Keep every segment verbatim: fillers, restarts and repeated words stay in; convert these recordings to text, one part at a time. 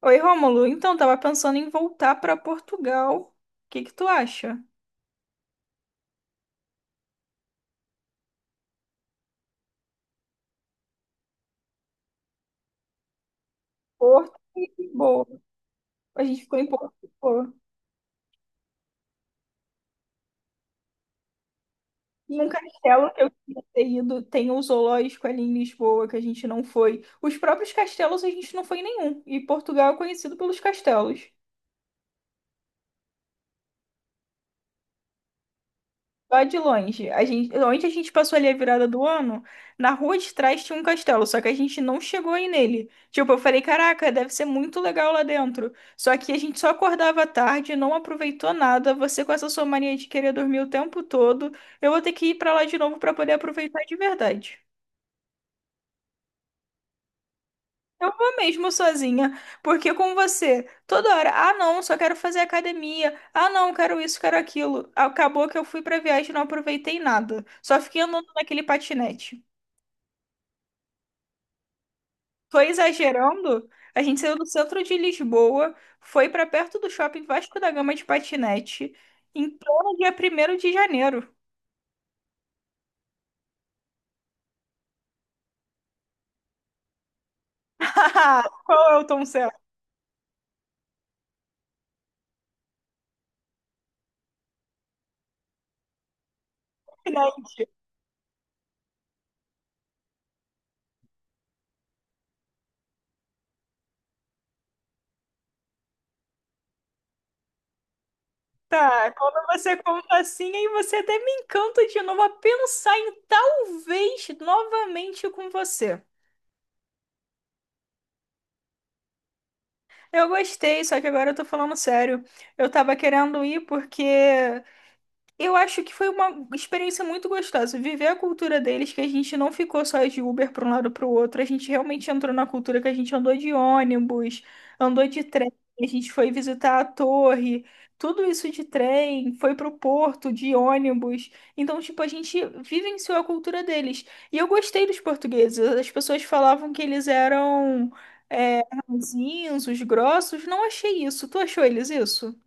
Oi, Rômulo. Então, tava pensando em voltar para Portugal. O que que tu acha? Porto e Lisboa. A gente ficou em Porto e Lisboa. E um castelo que eu queria ter ido, tem o zoológico ali em Lisboa, que a gente não foi. Os próprios castelos a gente não foi em nenhum. E Portugal é conhecido pelos castelos. Lá de longe. A gente, onde a gente passou ali a virada do ano, na rua de trás tinha um castelo, só que a gente não chegou aí nele. Tipo, eu falei, caraca, deve ser muito legal lá dentro. Só que a gente só acordava à tarde, não aproveitou nada. Você com essa sua mania de querer dormir o tempo todo, eu vou ter que ir pra lá de novo pra poder aproveitar de verdade. Eu vou mesmo sozinha, porque com você, toda hora, ah não, só quero fazer academia, ah não, quero isso, quero aquilo. Acabou que eu fui pra viagem e não aproveitei nada, só fiquei andando naquele patinete. Foi exagerando, a gente saiu do centro de Lisboa, foi pra perto do shopping Vasco da Gama de patinete, em pleno dia primeiro de janeiro. Qual é o tom certo? Né? Tá, quando você conta assim, aí você até me encanta de novo a pensar em talvez novamente com você. Eu gostei, só que agora eu tô falando sério. Eu tava querendo ir porque eu acho que foi uma experiência muito gostosa. Viver a cultura deles, que a gente não ficou só de Uber para um lado para o outro, a gente realmente entrou na cultura que a gente andou de ônibus, andou de trem, a gente foi visitar a torre, tudo isso de trem, foi para o porto de ônibus. Então, tipo, a gente vivenciou a cultura deles. E eu gostei dos portugueses. As pessoas falavam que eles eram é, ranzinhos, grossos. Não achei isso. Tu achou eles isso?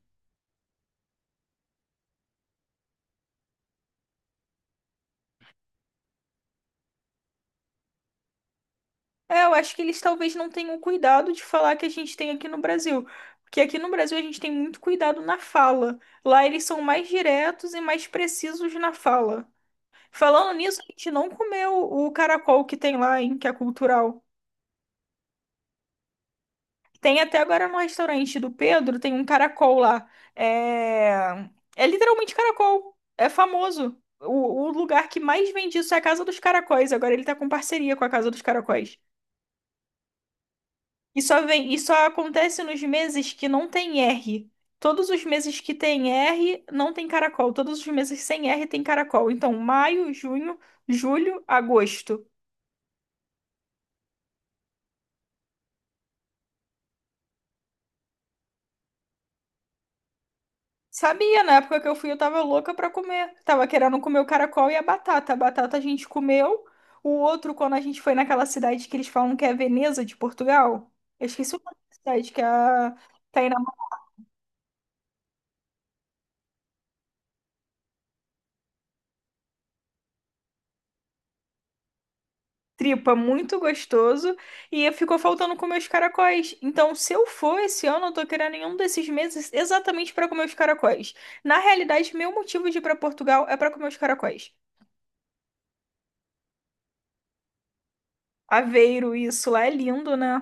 É, eu acho que eles talvez não tenham o cuidado de falar que a gente tem aqui no Brasil. Porque aqui no Brasil a gente tem muito cuidado na fala. Lá eles são mais diretos e mais precisos na fala. Falando nisso, a gente não comeu o caracol que tem lá, hein, que é cultural. Tem até agora no restaurante do Pedro, tem um caracol lá. É, é literalmente caracol. É famoso. O, o lugar que mais vende isso é a Casa dos Caracóis. Agora ele tá com parceria com a Casa dos Caracóis. E só vem, e só acontece nos meses que não tem R. Todos os meses que tem R não tem caracol. Todos os meses sem R tem caracol. Então, maio, junho, julho, agosto. Sabia, na época que eu fui, eu tava louca pra comer. Tava querendo comer o caracol e a batata. A batata a gente comeu. O outro, quando a gente foi naquela cidade que eles falam que é Veneza de Portugal. Eu esqueci o nome da cidade, que é a... Tá aí tripa muito gostoso e ficou faltando comer os caracóis. Então, se eu for esse ano, eu tô querendo nenhum desses meses exatamente para comer os caracóis. Na realidade, meu motivo de ir para Portugal é para comer os caracóis. Aveiro, isso lá é lindo, né?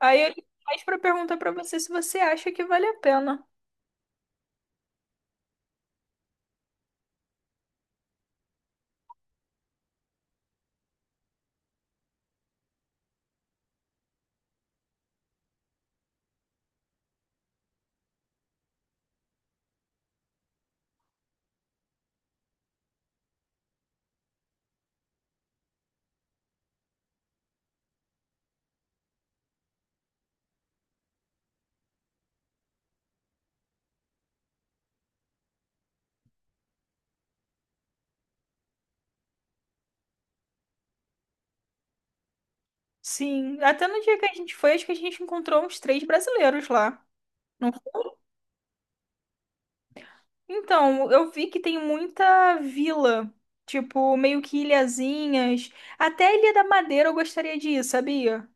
Aí eu liguei mais para perguntar para você se você acha que vale a pena. Sim, até no dia que a gente foi, acho que a gente encontrou uns três brasileiros lá. Não foi? Então, eu vi que tem muita vila, tipo, meio que ilhazinhas. Até a Ilha da Madeira eu gostaria de ir, sabia?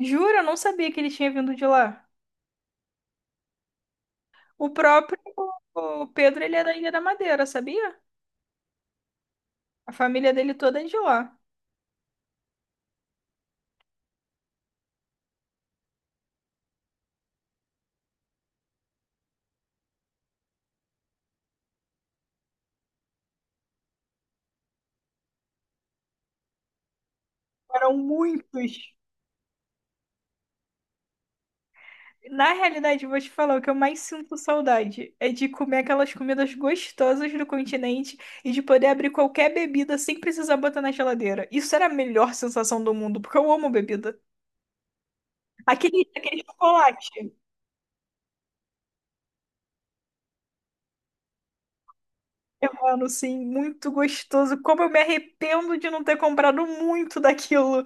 Jura? Eu não sabia que ele tinha vindo de lá. O próprio o Pedro, ele é da Ilha da Madeira, sabia? A família dele toda é de lá. Eram muitos. Na realidade, eu vou te falar, o que eu mais sinto saudade é de comer aquelas comidas gostosas do continente e de poder abrir qualquer bebida sem precisar botar na geladeira. Isso era a melhor sensação do mundo, porque eu amo bebida. Aquele, aquele chocolate. Eu, mano, sim, muito gostoso. Como eu me arrependo de não ter comprado muito daquilo.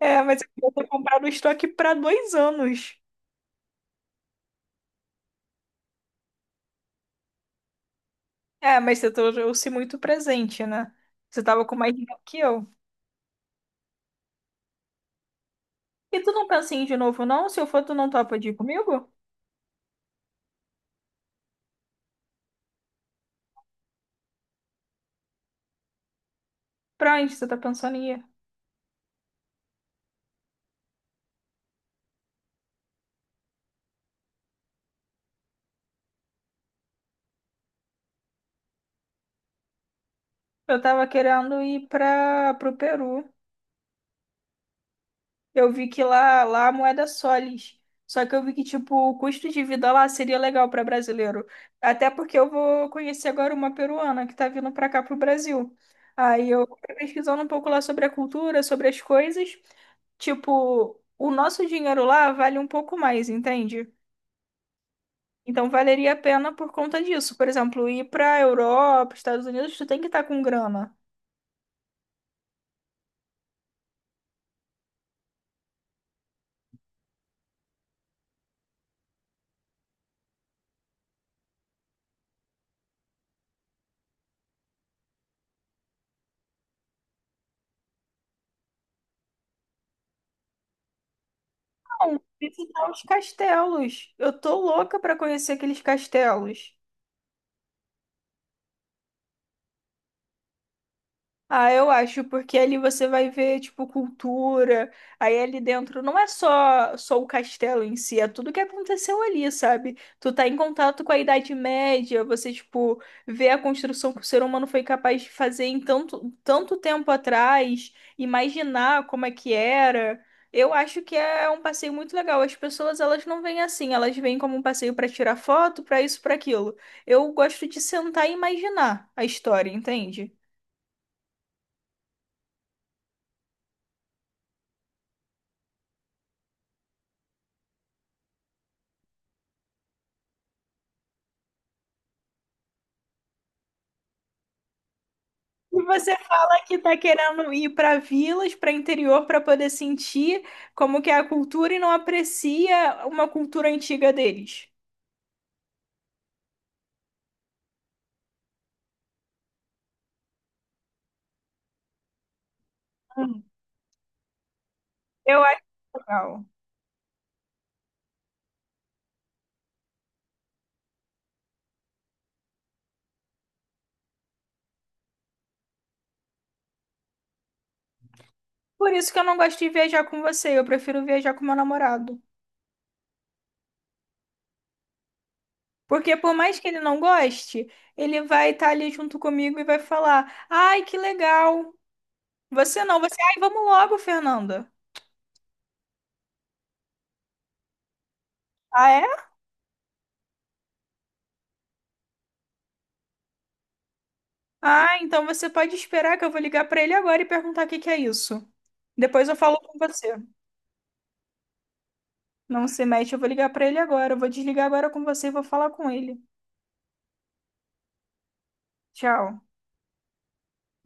É, mas eu queria ter comprado o estoque para dois anos. É, mas você trouxe muito presente, né? Você tava com mais dinheiro que eu. E tu não pensa em ir de novo, não? Se eu for, tu não topa de ir comigo? Pra onde você tá pensando em ir? Eu tava querendo ir pra, pro Peru. Eu vi que lá, lá a moeda é soles. Só que eu vi que, tipo, o custo de vida lá seria legal para brasileiro. Até porque eu vou conhecer agora uma peruana que tá vindo para cá pro Brasil. Aí eu fui pesquisando um pouco lá sobre a cultura, sobre as coisas. Tipo, o nosso dinheiro lá vale um pouco mais, entende? Então valeria a pena por conta disso. Por exemplo, ir para Europa, Estados Unidos, tu tem que estar com grana. Não, visitar os castelos. Eu tô louca para conhecer aqueles castelos. Ah, eu acho, porque ali você vai ver, tipo, cultura. Aí ali dentro não é só só o castelo em si, é tudo que aconteceu ali, sabe? Tu tá em contato com a Idade Média, você, tipo, vê a construção que o ser humano foi capaz de fazer em tanto, tanto tempo atrás, imaginar como é que era. Eu acho que é um passeio muito legal. As pessoas, elas não vêm assim, elas vêm como um passeio pra tirar foto, pra isso, pra aquilo. Eu gosto de sentar e imaginar a história, entende? E você fala que tá querendo ir para vilas, para interior, para poder sentir como que é a cultura e não aprecia uma cultura antiga deles. Hum. Eu acho legal. Por isso que eu não gosto de viajar com você, eu prefiro viajar com meu namorado. Porque por mais que ele não goste, ele vai estar ali junto comigo e vai falar: "Ai, que legal". Você não, você, "Ai, vamos logo, Fernanda". Ah, é? Ah, então você pode esperar que eu vou ligar para ele agora e perguntar o que que é isso. Depois eu falo com você. Não se mete, eu vou ligar pra ele agora. Eu vou desligar agora com você e vou falar com ele. Tchau.